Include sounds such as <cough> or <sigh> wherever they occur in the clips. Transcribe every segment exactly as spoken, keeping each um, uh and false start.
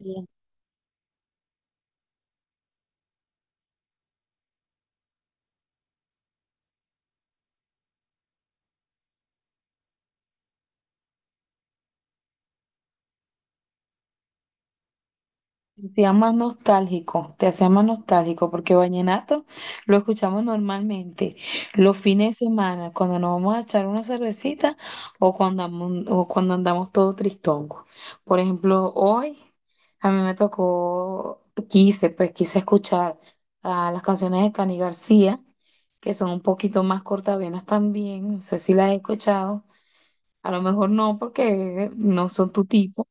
Bien. Te hacía más nostálgico, te hacía más nostálgico, porque vallenato lo escuchamos normalmente los fines de semana, cuando nos vamos a echar una cervecita o cuando andamos, o cuando andamos todo tristongos. Por ejemplo, hoy a mí me tocó, quise, pues quise escuchar a las canciones de Cani García, que son un poquito más cortavenas también, no sé si las he escuchado, a lo mejor no, porque no son tu tipo.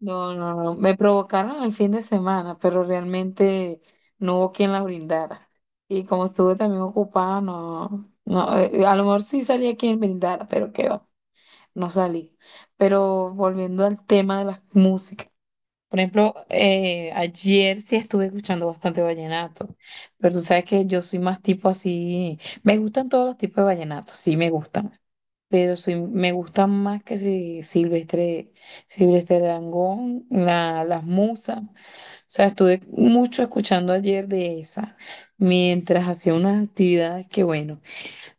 No, no, no. Me provocaron el fin de semana, pero realmente no hubo quien la brindara. Y como estuve también ocupada, no, no, eh, a lo mejor sí salía quien brindara, pero qué va, no salí. Pero volviendo al tema de las músicas. Por ejemplo, eh, ayer sí estuve escuchando bastante vallenato, pero tú sabes que yo soy más tipo así, me gustan todos los tipos de vallenato, sí me gustan pero soy, me gusta más que si Silvestre, Silvestre Dangond, la, las musas. O sea, estuve mucho escuchando ayer de esa, mientras hacía unas actividades que, bueno,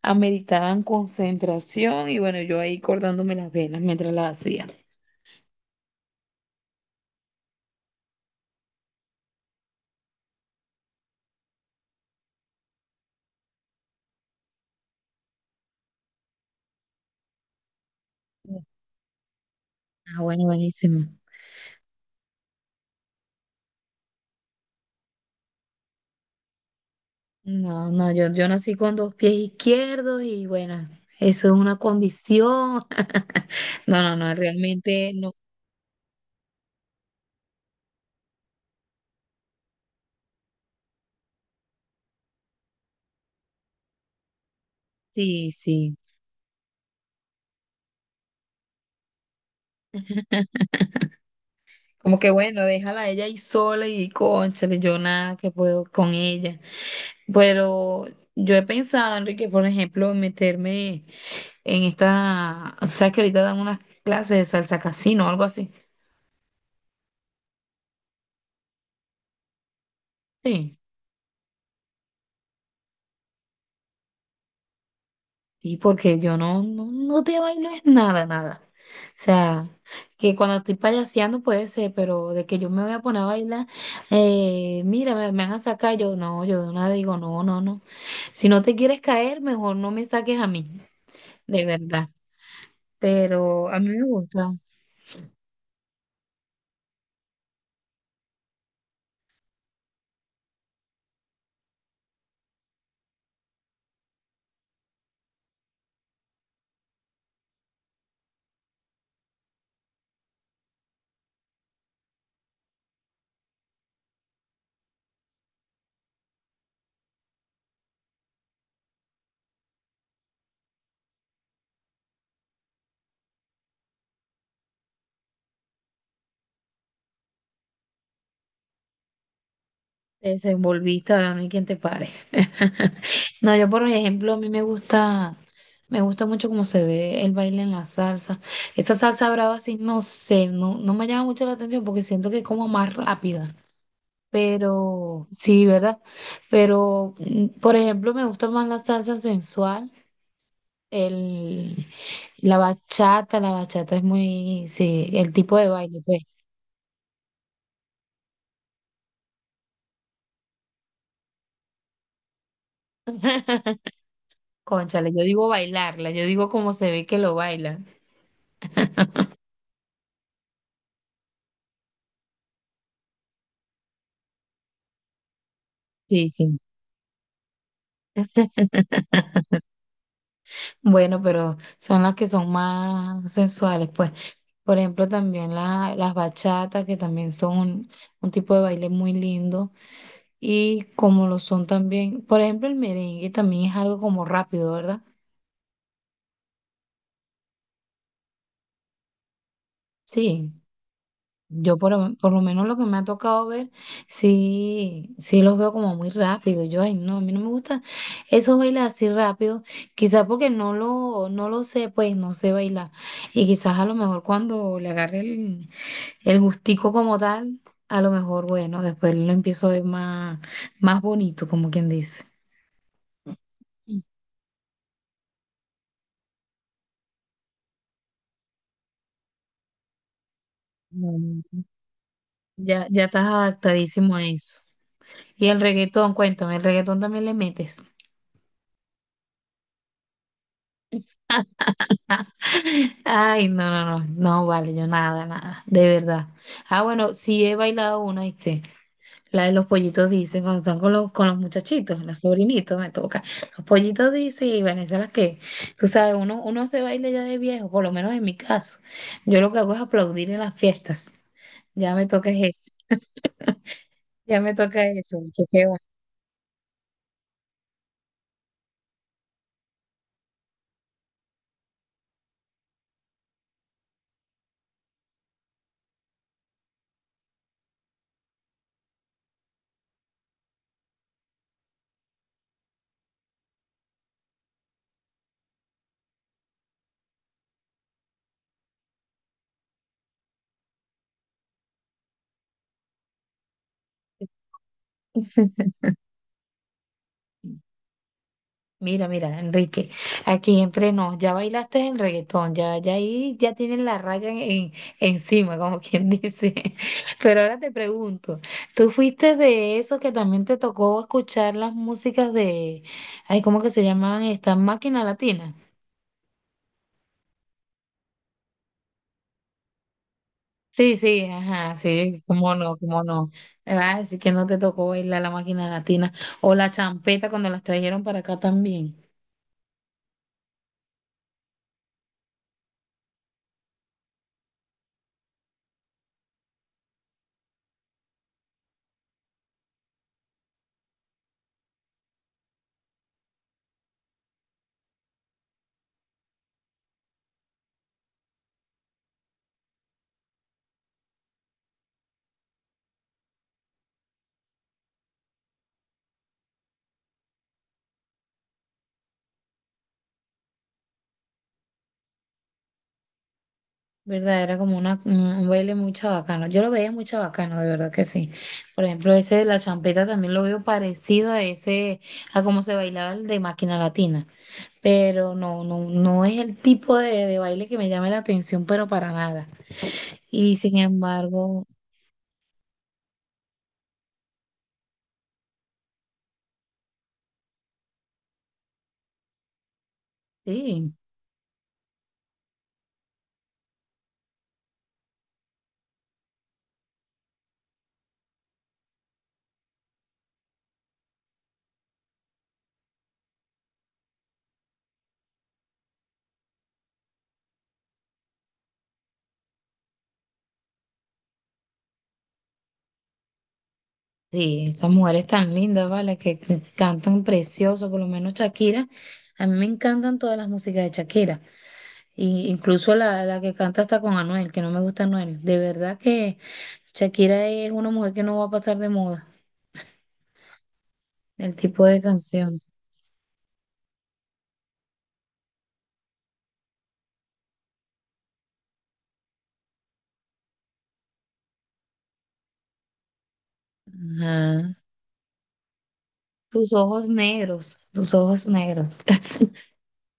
ameritaban concentración y, bueno, yo ahí cortándome las venas mientras las hacía. Ah, bueno, buenísimo. No, no, yo, yo nací con dos pies izquierdos y bueno, eso es una condición. <laughs> No, no, no, realmente no. Sí, sí. Como que bueno, déjala a ella ahí sola y cónchale, yo nada que puedo con ella. Pero yo he pensado, Enrique, por ejemplo, meterme en esta, o sea, que ahorita dan unas clases de salsa casino o algo así. Sí. Sí, porque yo no, no, no te bailo es nada, nada. O sea, que cuando estoy payaseando puede ser, pero de que yo me voy a poner a bailar, eh, mira, me, me van a sacar, yo no, yo de una digo, no, no, no. Si no te quieres caer, mejor no me saques a mí, de verdad. Pero a mí me gusta. Te desenvolviste, ahora no hay quien te pare. <laughs> No, yo por ejemplo, a mí me gusta, me gusta mucho cómo se ve el baile en la salsa. Esa salsa brava así, no sé, no, no me llama mucho la atención porque siento que es como más rápida. Pero, sí, ¿verdad? Pero, mm, por ejemplo, me gusta más la salsa sensual, el, la bachata, la bachata es muy, sí, el tipo de baile, pues. <laughs> Cónchale, yo digo bailarla, yo digo cómo se ve que lo bailan. Sí, sí. <laughs> Bueno, pero son las que son más sensuales, pues. Por ejemplo, también la- las bachatas, que también son un, un tipo de baile muy lindo. Y como lo son también, por ejemplo, el merengue también es algo como rápido, ¿verdad? Sí. Yo por, lo- por lo menos lo que me ha tocado ver, sí, sí los veo como muy rápido. Yo, ay, no, a mí no me gusta esos bailes así rápido, quizás porque no lo, no lo sé, pues no sé bailar. Y quizás a lo mejor cuando le agarre el, el gustico como tal, a lo mejor, bueno, después lo empiezo a ver más, más bonito, como quien dice. Mm. Ya, ya estás adaptadísimo a eso. Y el reggaetón, cuéntame, ¿el reggaetón también le metes? Ay, no, no, no, no vale, yo nada, nada, de verdad. Ah, bueno, sí he bailado una, ¿viste? La de los pollitos dicen, cuando están con los, con los muchachitos, los sobrinitos me toca. Los pollitos dicen, y bueno, esa es la que, tú sabes, uno, uno se baila ya de viejo, por lo menos en mi caso. Yo lo que hago es aplaudir en las fiestas. Ya me toca es eso, <laughs> ya me toca eso, mucho que va. Mira, mira, Enrique, aquí entre nos, ya bailaste el reggaetón, ya, ya ahí ya tienen la raya en- en- encima, como quien dice. <laughs> Pero ahora te pregunto, ¿tú fuiste de esos que también te tocó escuchar las músicas de, ay, ¿cómo que se llaman estas máquinas latinas? Sí, sí, ajá, sí, cómo no, cómo no. Ah, así que no te tocó bailar la máquina latina o la champeta cuando las trajeron para acá también. ¿Verdad? Era como una, un un baile muy chabacano. Yo lo veía muy chabacano, de verdad que sí. Por ejemplo, ese de la champeta también lo veo parecido a ese, a cómo se bailaba el de Máquina Latina. Pero no, no, no es el tipo de, de baile que me llame la atención, pero para nada. Y sin embargo, sí, sí, esas mujeres tan lindas, ¿vale? Que, que cantan precioso, por lo menos Shakira. A mí me encantan todas las músicas de Shakira. Y incluso la, la que canta hasta con Anuel, que no me gusta Anuel. De verdad que Shakira es una mujer que no va a pasar de moda. El tipo de canción. Ajá. Tus ojos negros, tus ojos negros. <laughs>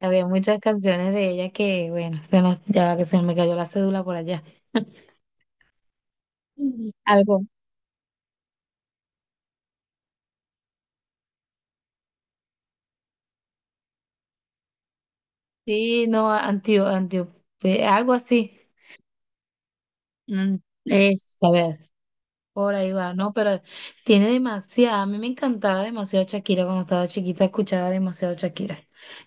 Había muchas canciones de ella que, bueno, se nos- ya que se me cayó la cédula por allá. Mm. Algo. Sí, no, antio, antio, eh, algo así. Mm, es, a ver, por ahí va, ¿no? Pero tiene demasiada, a mí me encantaba demasiado Shakira cuando estaba chiquita, escuchaba demasiado Shakira.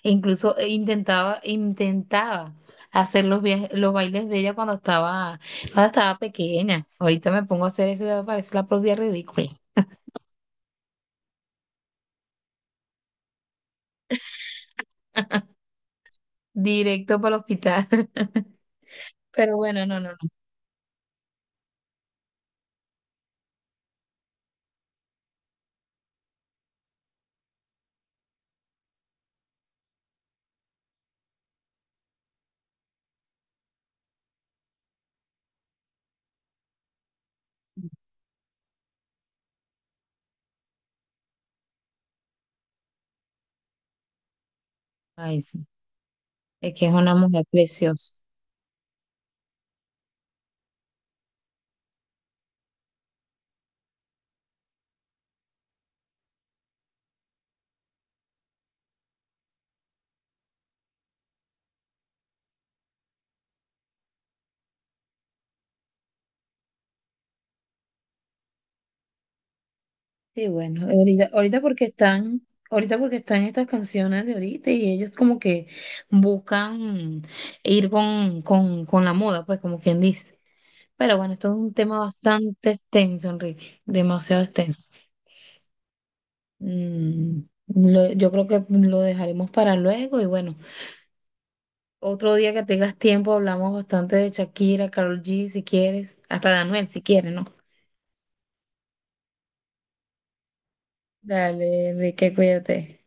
E incluso eh, intentaba, intentaba hacer los, via- los bailes de ella cuando estaba, cuando estaba pequeña. Ahorita me pongo a hacer eso y me parece la propia ridícula. <laughs> Directo para el hospital. <laughs> Pero bueno, no, no, no. Ay, sí. Es que es una mujer preciosa. Sí, bueno, ahorita, ahorita porque están, ahorita porque están estas canciones de ahorita y ellos como que buscan ir con, con, con la moda, pues como quien dice. Pero bueno, esto es un tema bastante extenso, Enrique, demasiado extenso. Mm, lo- yo creo que lo dejaremos para luego y bueno, otro día que tengas tiempo hablamos bastante de Shakira, Karol ge, si quieres, hasta de Anuel, si quieres, ¿no? Dale, Enrique, cuídate.